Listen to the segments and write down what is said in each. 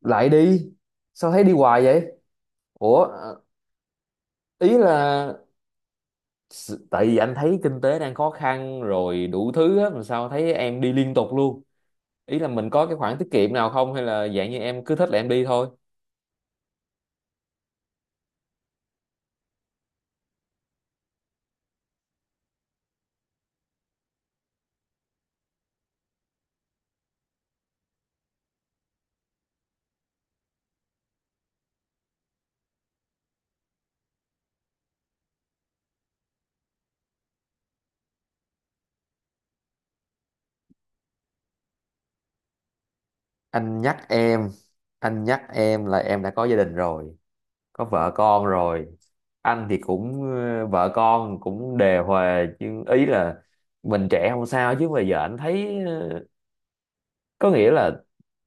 Lại đi. Sao thấy đi hoài vậy? ủa ờ, ý là tại vì anh thấy kinh tế đang khó khăn rồi đủ thứ á, mà sao thấy em đi liên tục luôn. Ý là mình có cái khoản tiết kiệm nào không, hay là dạng như em cứ thích là em đi thôi? Anh nhắc em, anh nhắc em là em đã có gia đình rồi, có vợ con rồi. Anh thì cũng vợ con cũng đề hòa, nhưng ý là mình trẻ không sao, chứ bây giờ anh thấy có nghĩa là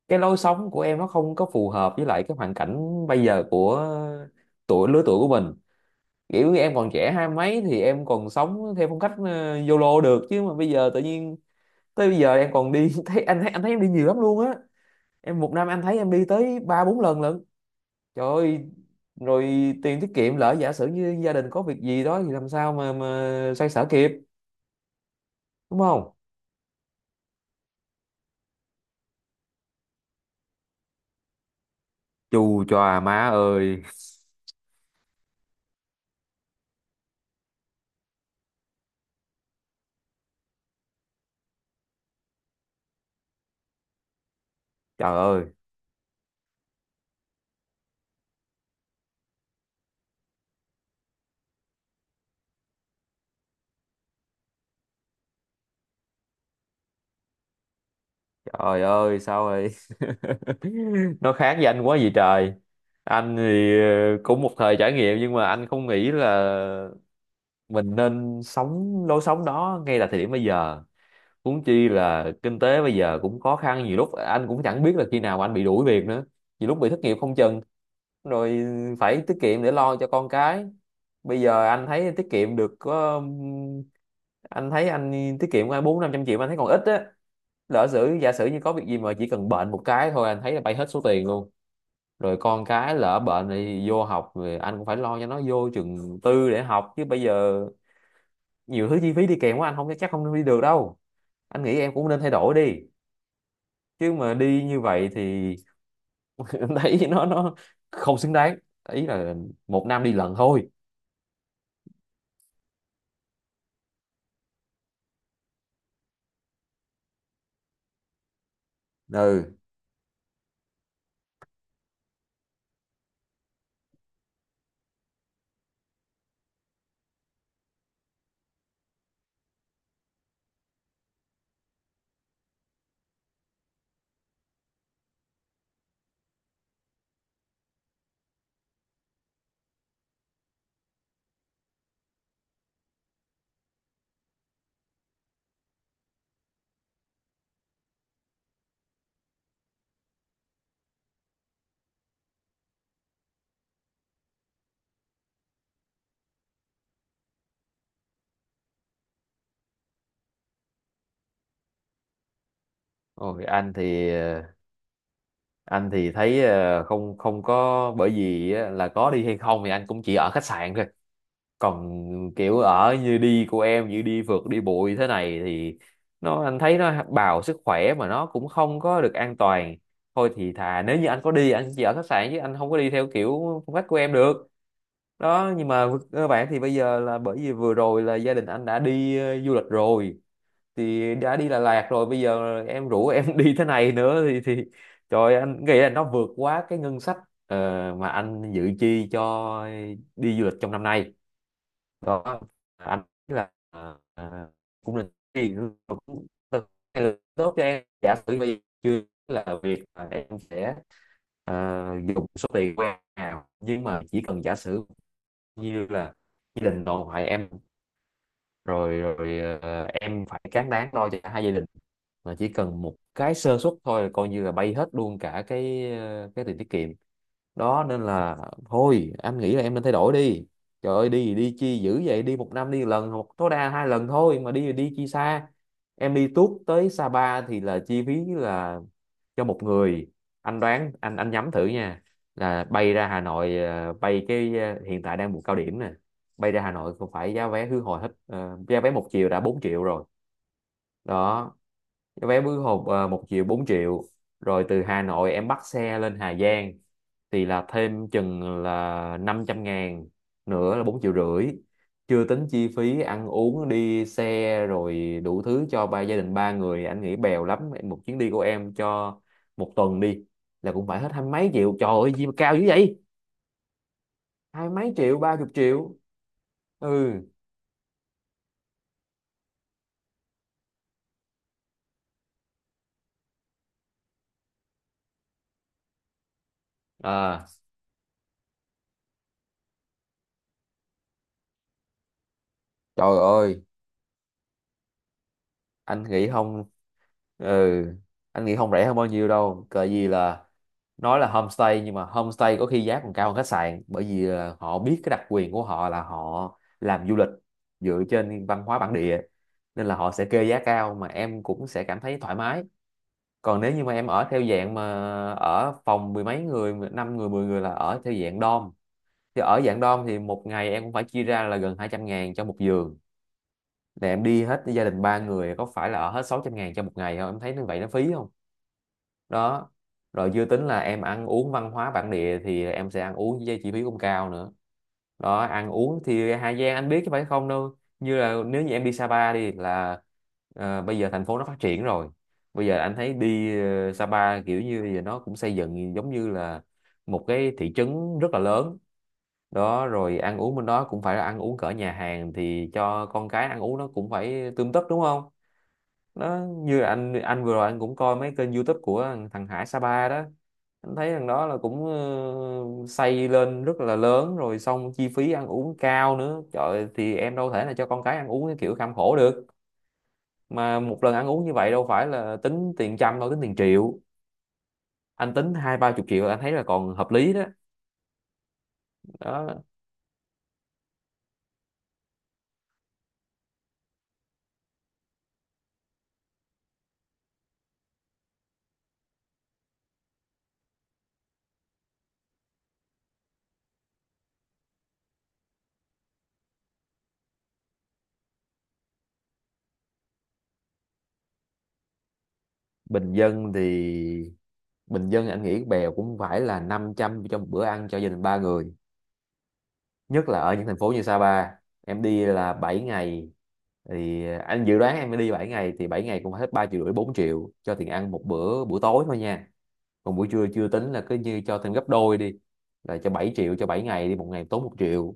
cái lối sống của em nó không có phù hợp với lại cái hoàn cảnh bây giờ của tuổi, lứa tuổi của mình. Kiểu như em còn trẻ hai mấy thì em còn sống theo phong cách YOLO được, chứ mà bây giờ tự nhiên tới bây giờ em còn đi thấy anh, thấy anh thấy em đi nhiều lắm luôn á. Em một năm anh thấy em đi tới ba bốn lần lận. Trời ơi! Rồi tiền tiết kiệm, lỡ giả sử như gia đình có việc gì đó thì làm sao mà xoay sở kịp? Đúng không? Chù chòa má ơi! Trời ơi! Trời ơi, sao rồi, nó khác với anh quá gì trời. Anh thì cũng một thời trải nghiệm, nhưng mà anh không nghĩ là mình nên sống lối sống đó ngay là thời điểm bây giờ. Huống chi là kinh tế bây giờ cũng khó khăn, nhiều lúc anh cũng chẳng biết là khi nào anh bị đuổi việc nữa, nhiều lúc bị thất nghiệp không chừng. Rồi phải tiết kiệm để lo cho con cái. Bây giờ anh thấy tiết kiệm được có anh thấy anh tiết kiệm bốn năm trăm triệu mà anh thấy còn ít á. Lỡ sử, giả sử như có việc gì mà chỉ cần bệnh một cái thôi anh thấy là bay hết số tiền luôn. Rồi con cái lỡ bệnh thì vô học, rồi anh cũng phải lo cho nó vô trường tư để học, chứ bây giờ nhiều thứ chi phí đi kèm quá, anh không chắc không đi được đâu. Anh nghĩ em cũng nên thay đổi đi, chứ mà đi như vậy thì em thấy nó không xứng đáng. Ý là một năm đi lần thôi. Ừ. Rồi anh thì anh thì thấy không, không có, bởi vì á, là có đi hay không thì anh cũng chỉ ở khách sạn thôi. Còn kiểu ở như đi của em như đi phượt đi bụi thế này thì nó anh thấy nó bào sức khỏe mà nó cũng không có được an toàn. Thôi thì thà nếu như anh có đi anh chỉ ở khách sạn, chứ anh không có đi theo kiểu phong cách của em được. Đó, nhưng mà các bạn thì bây giờ là bởi vì vừa rồi là gia đình anh đã đi du lịch rồi, thì đã đi Đà Lạt rồi, bây giờ em rủ em đi thế này nữa thì trời ơi, anh nghĩ là nó vượt quá cái ngân sách ờ, mà anh dự chi cho đi du lịch trong năm nay. Đó, ảnh là, cũng là cũng tốt cho em. Giả sử bây, chưa, là việc mà em sẽ, ờ, dùng số tiền của em nào, nhưng mà chỉ cần giả sử như là gia đình nội ngoại em rồi rồi, em phải cán đáng lo cho cả hai gia đình, mà chỉ cần một cái sơ suất thôi là coi như là bay hết luôn cả cái, cái tiền tiết kiệm đó, nên là thôi anh nghĩ là em nên thay đổi đi. Trời ơi, đi thì đi chi dữ vậy, đi một năm đi lần hoặc tối đa hai lần thôi, mà đi thì đi chi xa. Em đi tuốt tới Sapa thì là chi phí là cho một người, anh đoán, anh nhắm thử nha, là bay ra Hà Nội bay cái hiện tại đang mùa cao điểm nè, bay ra Hà Nội cũng phải giá vé khứ hồi hết giá vé một chiều đã 4 triệu rồi. Đó, vé khứ hộp à, một triệu 4 triệu. Rồi từ Hà Nội em bắt xe lên Hà Giang thì là thêm chừng là 500 ngàn, nữa là 4 triệu rưỡi. Chưa tính chi phí ăn uống đi xe rồi đủ thứ cho ba gia đình, ba người anh nghĩ bèo lắm một chuyến đi của em cho một tuần đi là cũng phải hết hai mấy triệu. Trời ơi gì mà cao dữ vậy, hai mấy triệu, ba chục triệu. Ừ. À. Trời ơi! Anh nghĩ không, ừ, anh nghĩ không rẻ hơn bao nhiêu đâu, cờ gì là, nói là homestay nhưng mà homestay có khi giá còn cao hơn khách sạn, bởi vì họ biết cái đặc quyền của họ là họ làm du lịch dựa trên văn hóa bản địa, nên là họ sẽ kê giá cao mà em cũng sẽ cảm thấy thoải mái. Còn nếu như mà em ở theo dạng mà ở phòng mười mấy người, năm người, mười người là ở theo dạng dom, thì ở dạng dom thì một ngày em cũng phải chia ra là gần 200 ngàn cho một giường, để em đi hết gia đình ba người có phải là ở hết 600 ngàn cho một ngày không, em thấy như vậy nó phí không? Đó, rồi chưa tính là em ăn uống văn hóa bản địa thì em sẽ ăn uống với chi phí cũng cao nữa. Đó, ăn uống thì Hà Giang anh biết chứ phải không, đâu như là nếu như em đi Sapa đi là bây giờ thành phố nó phát triển rồi. Bây giờ anh thấy đi Sapa kiểu như bây giờ nó cũng xây dựng giống như là một cái thị trấn rất là lớn. Đó, rồi ăn uống bên đó cũng phải là ăn uống cỡ nhà hàng thì cho con cái ăn uống nó cũng phải tươm tất đúng không? Nó như anh vừa rồi anh cũng coi mấy kênh YouTube của thằng thằng Hải Sapa đó. Anh thấy thằng đó là cũng xây lên rất là lớn rồi xong chi phí ăn uống cao nữa, trời ơi, thì em đâu thể là cho con cái ăn uống cái kiểu kham khổ được. Mà một lần ăn uống như vậy đâu phải là tính tiền trăm đâu, tính tiền triệu. Anh tính hai ba chục triệu là anh thấy là còn hợp lý đó. Đó, bình dân thì bình dân anh nghĩ bèo cũng phải là 500 cho một bữa ăn cho gia đình ba người, nhất là ở những thành phố như Sapa. Em đi là 7 ngày thì anh dự đoán em mới đi 7 ngày thì 7 ngày cũng phải hết 3 triệu rưỡi, 4 triệu cho tiền ăn một bữa buổi tối thôi nha. Còn buổi trưa chưa tính, là cứ như cho thêm gấp đôi đi, là cho 7 triệu cho 7 ngày đi, một ngày tốn một triệu.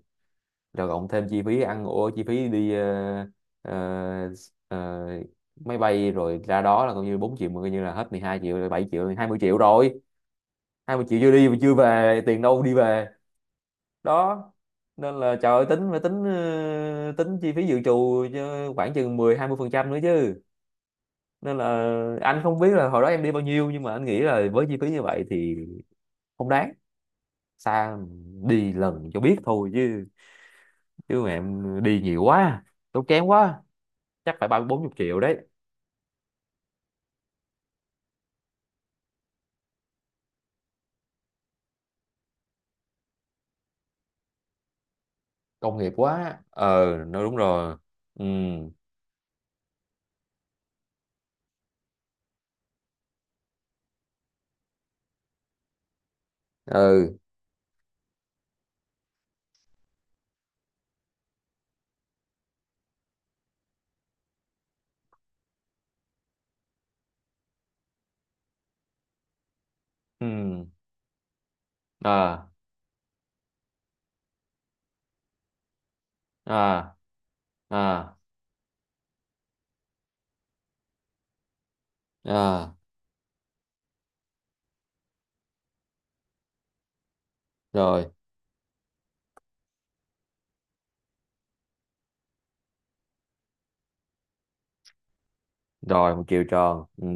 Rồi cộng thêm chi phí ăn ô, chi phí đi ờ, ờ, máy bay rồi ra đó là coi như 4 triệu, mà coi như là hết 12 triệu rồi, 7 triệu, 20 triệu rồi. Hai mươi triệu chưa đi mà chưa về, tiền đâu đi về? Đó, nên là trời ơi, tính phải tính tính chi phí dự trù cho khoảng chừng mười hai mươi phần trăm nữa chứ. Nên là anh không biết là hồi đó em đi bao nhiêu, nhưng mà anh nghĩ là với chi phí như vậy thì không đáng. Xa, đi lần cho biết thôi chứ, chứ mà em đi nhiều quá, tốn kém quá, chắc phải ba bốn chục triệu đấy. Công nghiệp quá ờ nó đúng rồi. Ừ. Ừ. Ừ. À. À. À. À. Rồi rồi, một chiều tròn, ừ.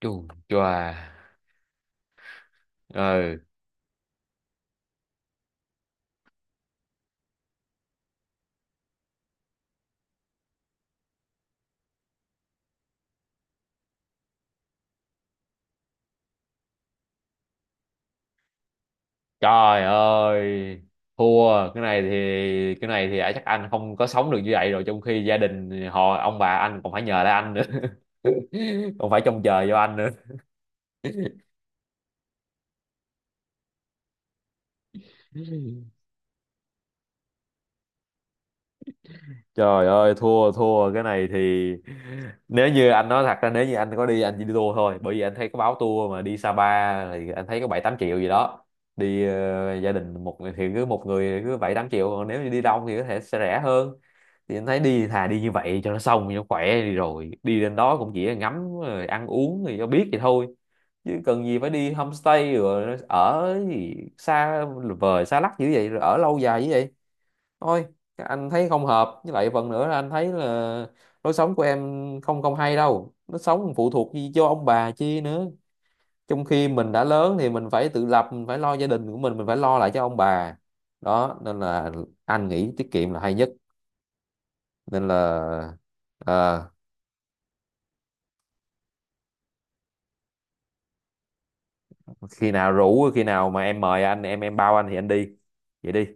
Chù chòa! Ừ. Trời ơi, thua, cái này thì, cái này thì à, chắc anh không có sống được như vậy rồi, trong khi gia đình họ ông bà anh còn phải nhờ lại anh nữa. Còn phải trông chờ vô anh nữa. Trời ơi, thua thua cái này thì, nếu như anh nói, thật ra nếu như anh có đi anh chỉ đi tour thôi, bởi vì anh thấy có báo tour mà đi Sapa thì anh thấy có bảy tám triệu gì đó. Đi gia đình một người thì cứ một người cứ bảy tám triệu, còn nếu như đi đông thì có thể sẽ rẻ hơn. Thì anh thấy đi thà đi như vậy cho nó xong cho nó khỏe, đi rồi đi lên đó cũng chỉ là ngắm rồi ăn uống thì cho biết vậy thôi, chứ cần gì phải đi homestay rồi ở gì xa vời xa lắc dữ vậy, rồi ở lâu dài dữ vậy. Thôi, anh thấy không hợp, với lại phần nữa là anh thấy là lối sống của em không, không hay đâu, nó sống phụ thuộc gì cho ông bà chi nữa. Trong khi mình đã lớn thì mình phải tự lập, mình phải lo gia đình của mình phải lo lại cho ông bà. Đó, nên là anh nghĩ tiết kiệm là hay nhất. Nên là ờ, khi nào rủ, khi nào mà em mời anh, em bao anh thì anh đi. Vậy đi.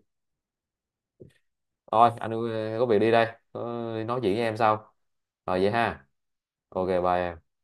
Thôi anh có việc đi đây. Có, nói chuyện với em sau. Rồi vậy ha. Ok, bye em.